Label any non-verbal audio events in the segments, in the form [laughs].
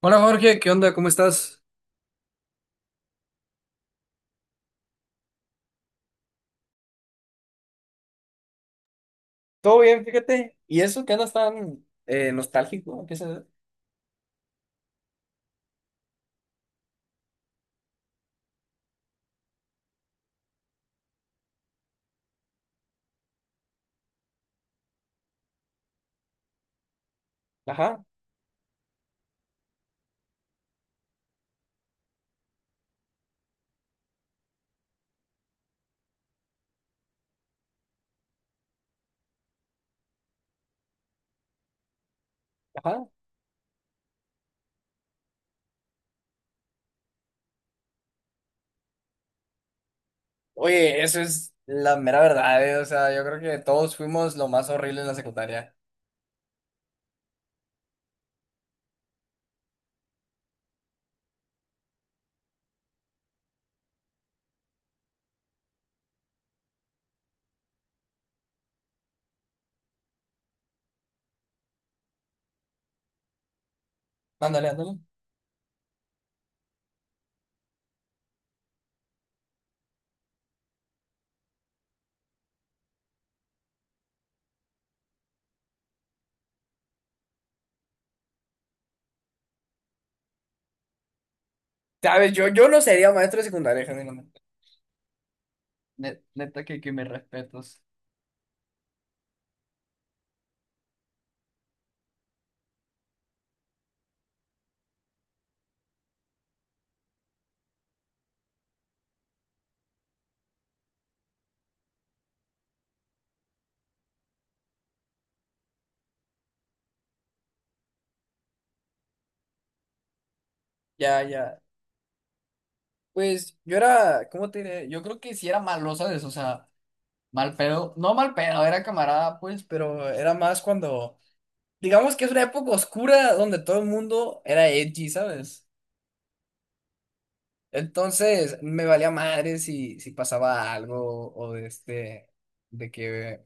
Hola Jorge, ¿qué onda? ¿Cómo estás? Todo bien, fíjate. ¿Y eso que andas tan nostálgico? ¿Qué se? Ajá, ajá. Oye, eso es la mera verdad, o sea, yo creo que todos fuimos lo más horrible en la secundaria. Ándale, ándale. ¿Sabes? Yo no sería maestro de secundaria, genuinamente. Neta que me respetos. Ya, ya. Pues yo era, ¿cómo te diré? Yo creo que sí era malo, ¿sabes? O sea, mal pedo. No mal pedo, era camarada, pues, pero era más cuando digamos que es una época oscura donde todo el mundo era edgy, ¿sabes? Entonces me valía madre si pasaba algo o de que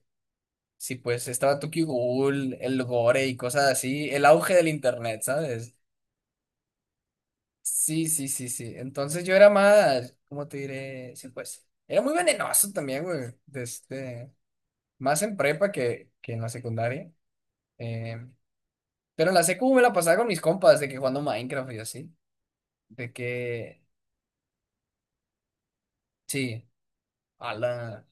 si pues estaba Tokyo Ghoul, el gore y cosas así, el auge del internet, ¿sabes? Sí, sí, sí, sí. Entonces yo era más, ¿cómo te diré? Sí, pues, era muy venenoso también, güey, más en prepa que en la secundaria. Eh, pero en la secu me la pasaba con mis compas, de que jugando Minecraft y así, de que. Sí, a la.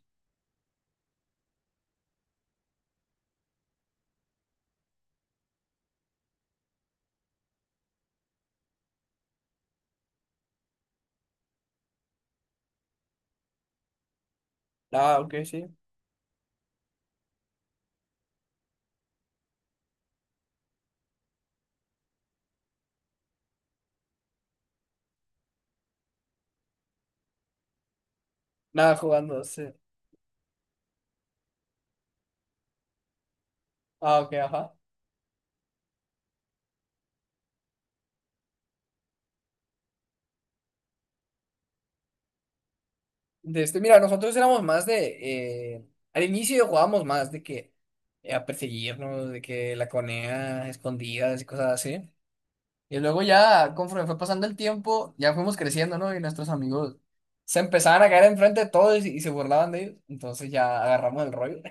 Ah, ok, sí. Nada, jugando, sí. Ah, ok, ajá. Mira, nosotros éramos más al inicio jugábamos más de que a perseguirnos, de que la conea, escondidas y cosas así. Y luego ya, conforme fue pasando el tiempo, ya fuimos creciendo, ¿no? Y nuestros amigos se empezaban a caer enfrente de todos y se burlaban de ellos. Entonces ya agarramos el rollo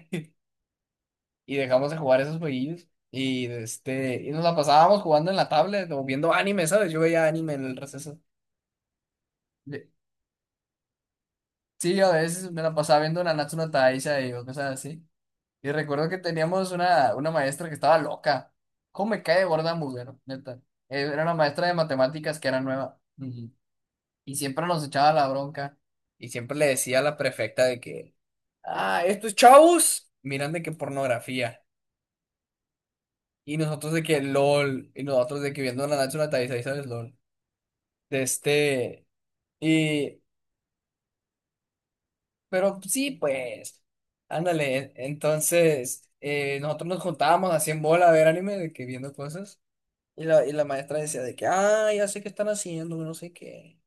[laughs] y dejamos de jugar esos jueguillos. Y nos la pasábamos jugando en la tablet o viendo anime, ¿sabes? Yo veía anime en el receso. de- Sí, a veces me la pasaba viendo Nanatsu no Taizai o cosas así. Y recuerdo que teníamos una maestra que estaba loca. ¿Cómo me cae de gorda mujer, neta? Era una maestra de matemáticas que era nueva. Ujú. Y siempre nos echaba la bronca. Y siempre le decía a la prefecta de que, ah, estos chavos miran de que pornografía. Y nosotros de que LOL. Y nosotros de que viendo Nanatsu no Taizai, ¿sabes? LOL. De este. Y. Pero sí, pues, ándale. Entonces, nosotros nos juntábamos así en bola a ver anime, de que viendo cosas. Y la maestra decía de que, ah, ya sé qué están haciendo, no sé qué.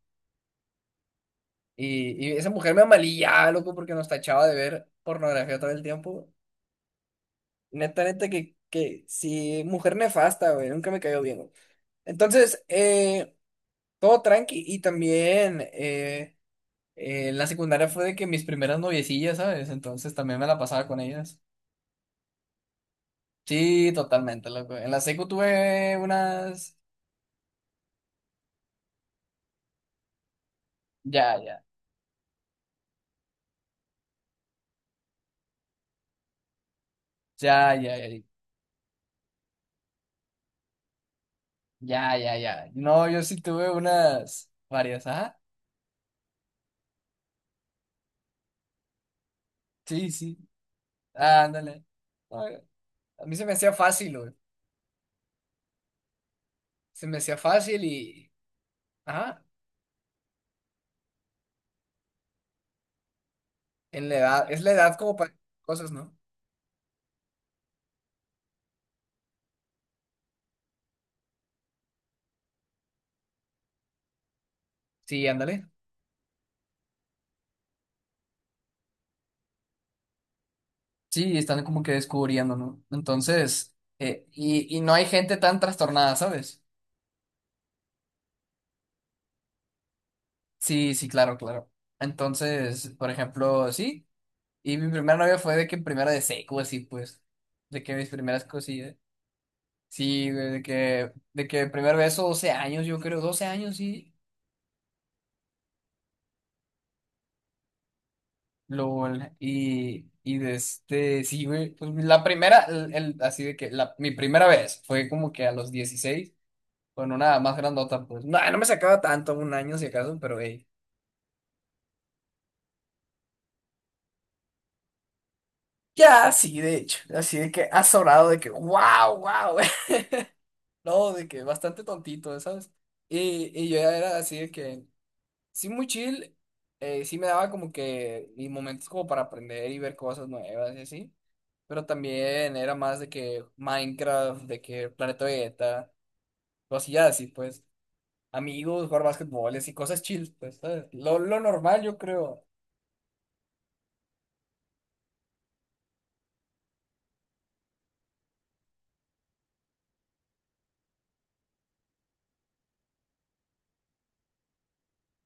Y esa mujer me amalillaba, loco, porque nos tachaba de ver pornografía todo el tiempo. Neta, neta, que sí, mujer nefasta, güey, nunca me cayó bien, güey. Entonces, todo tranqui. Y también, en la secundaria fue de que mis primeras noviecillas, ¿sabes? Entonces también me la pasaba con ellas. Sí, totalmente, loco. En la secu tuve unas. Ya, ya. Ya, ya, ya. Ya, ya, ya. No, yo sí tuve unas. Varias, ajá. Sí, sí. Ah, ándale. No, a mí se me hacía fácil, güey. Se me hacía fácil. Ajá. En la edad. Es la edad como para cosas, ¿no? Sí, ándale. Sí, están como que descubriendo, ¿no? Entonces, y no hay gente tan trastornada, ¿sabes? Sí, sí, claro, claro. Entonces, por ejemplo, sí. Y mi primera novia fue de que en primera de seco, así pues. De que mis primeras cosillas. Sí, güey, de que el primer beso, 12 años, yo creo, 12 años, sí. LOL. Y sí, güey. Pues la primera, así de que mi primera vez fue como que a los 16 con una más grandota, pues. No, no me sacaba tanto, 1 año si acaso, pero hey. Ya, sí, de hecho. Así de que azorado, de que wow, wow. [laughs] No, de que bastante tontito, ¿sabes? Y yo ya era así de que. Sí muy chill, sí me daba como que y momentos como para aprender y ver cosas nuevas y así, pero también era más de que Minecraft, de que Planeta Vegeta, cosillas así, pues, amigos, jugar básquetbol, y cosas chill, pues, ¿sabes? Lo normal yo creo,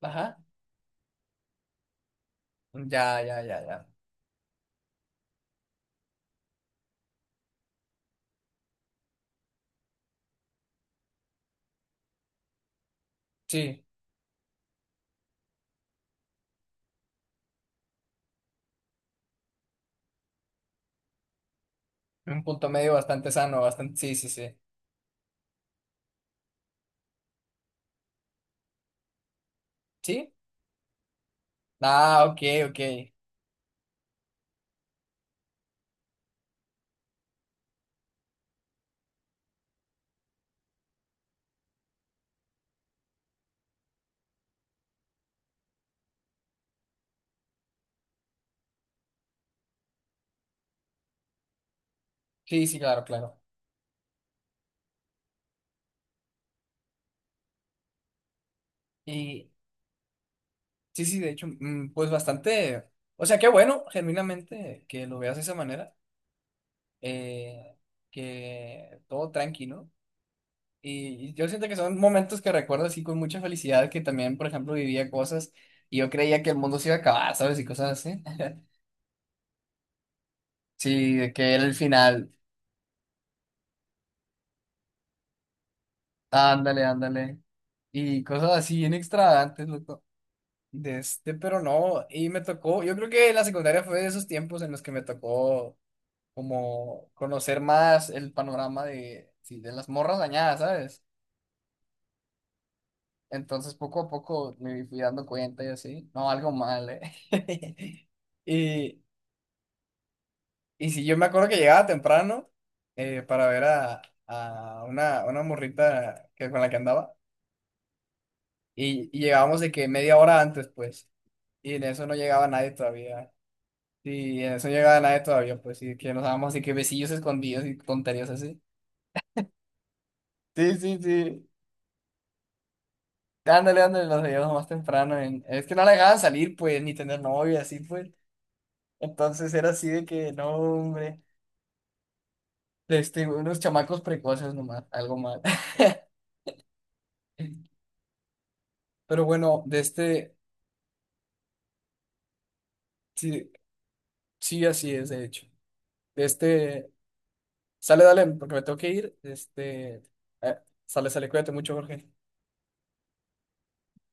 ajá, ya, ya, ya, ya, sí, un punto medio bastante sano, bastante, sí, sí, sí, sí, ah, ok, ok, sí, sí, claro, claro. Y, Sí, sí, de hecho, pues bastante, o sea, qué bueno, genuinamente, que lo veas de esa manera, eh, que todo tranquilo. Y yo siento que son momentos que recuerdo así con mucha felicidad, que también, por ejemplo, vivía cosas y yo creía que el mundo se iba a acabar, ¿sabes? Y cosas así. [laughs] Sí, de que era el final, ándale, ándale. Y cosas así bien extravagantes, loco. Pero no, y me tocó, yo creo que la secundaria fue de esos tiempos en los que me tocó. Como conocer más el panorama de, sí, de las morras dañadas, ¿sabes? Entonces poco a poco me fui dando cuenta y así, no, algo mal, ¿eh? [laughs] Y, y sí, yo me acuerdo que llegaba temprano para ver a, una morrita que, con la que andaba y llegábamos de que media hora antes, pues, y en eso no llegaba nadie todavía. Y en eso no llegaba nadie todavía, pues, y que nos dábamos así que besillos escondidos y tonterías así. Sí, sí, sí. Ándale, ándale, los veíamos más temprano. Es que no la dejaban salir, pues, ni tener novia, así pues. Entonces era así de que, no, hombre, unos chamacos precoces nomás, algo mal. [laughs] Pero bueno, sí, sí, así es, de hecho. De este, sale, dale, porque me tengo que ir. Eh, sale, sale, cuídate mucho, Jorge.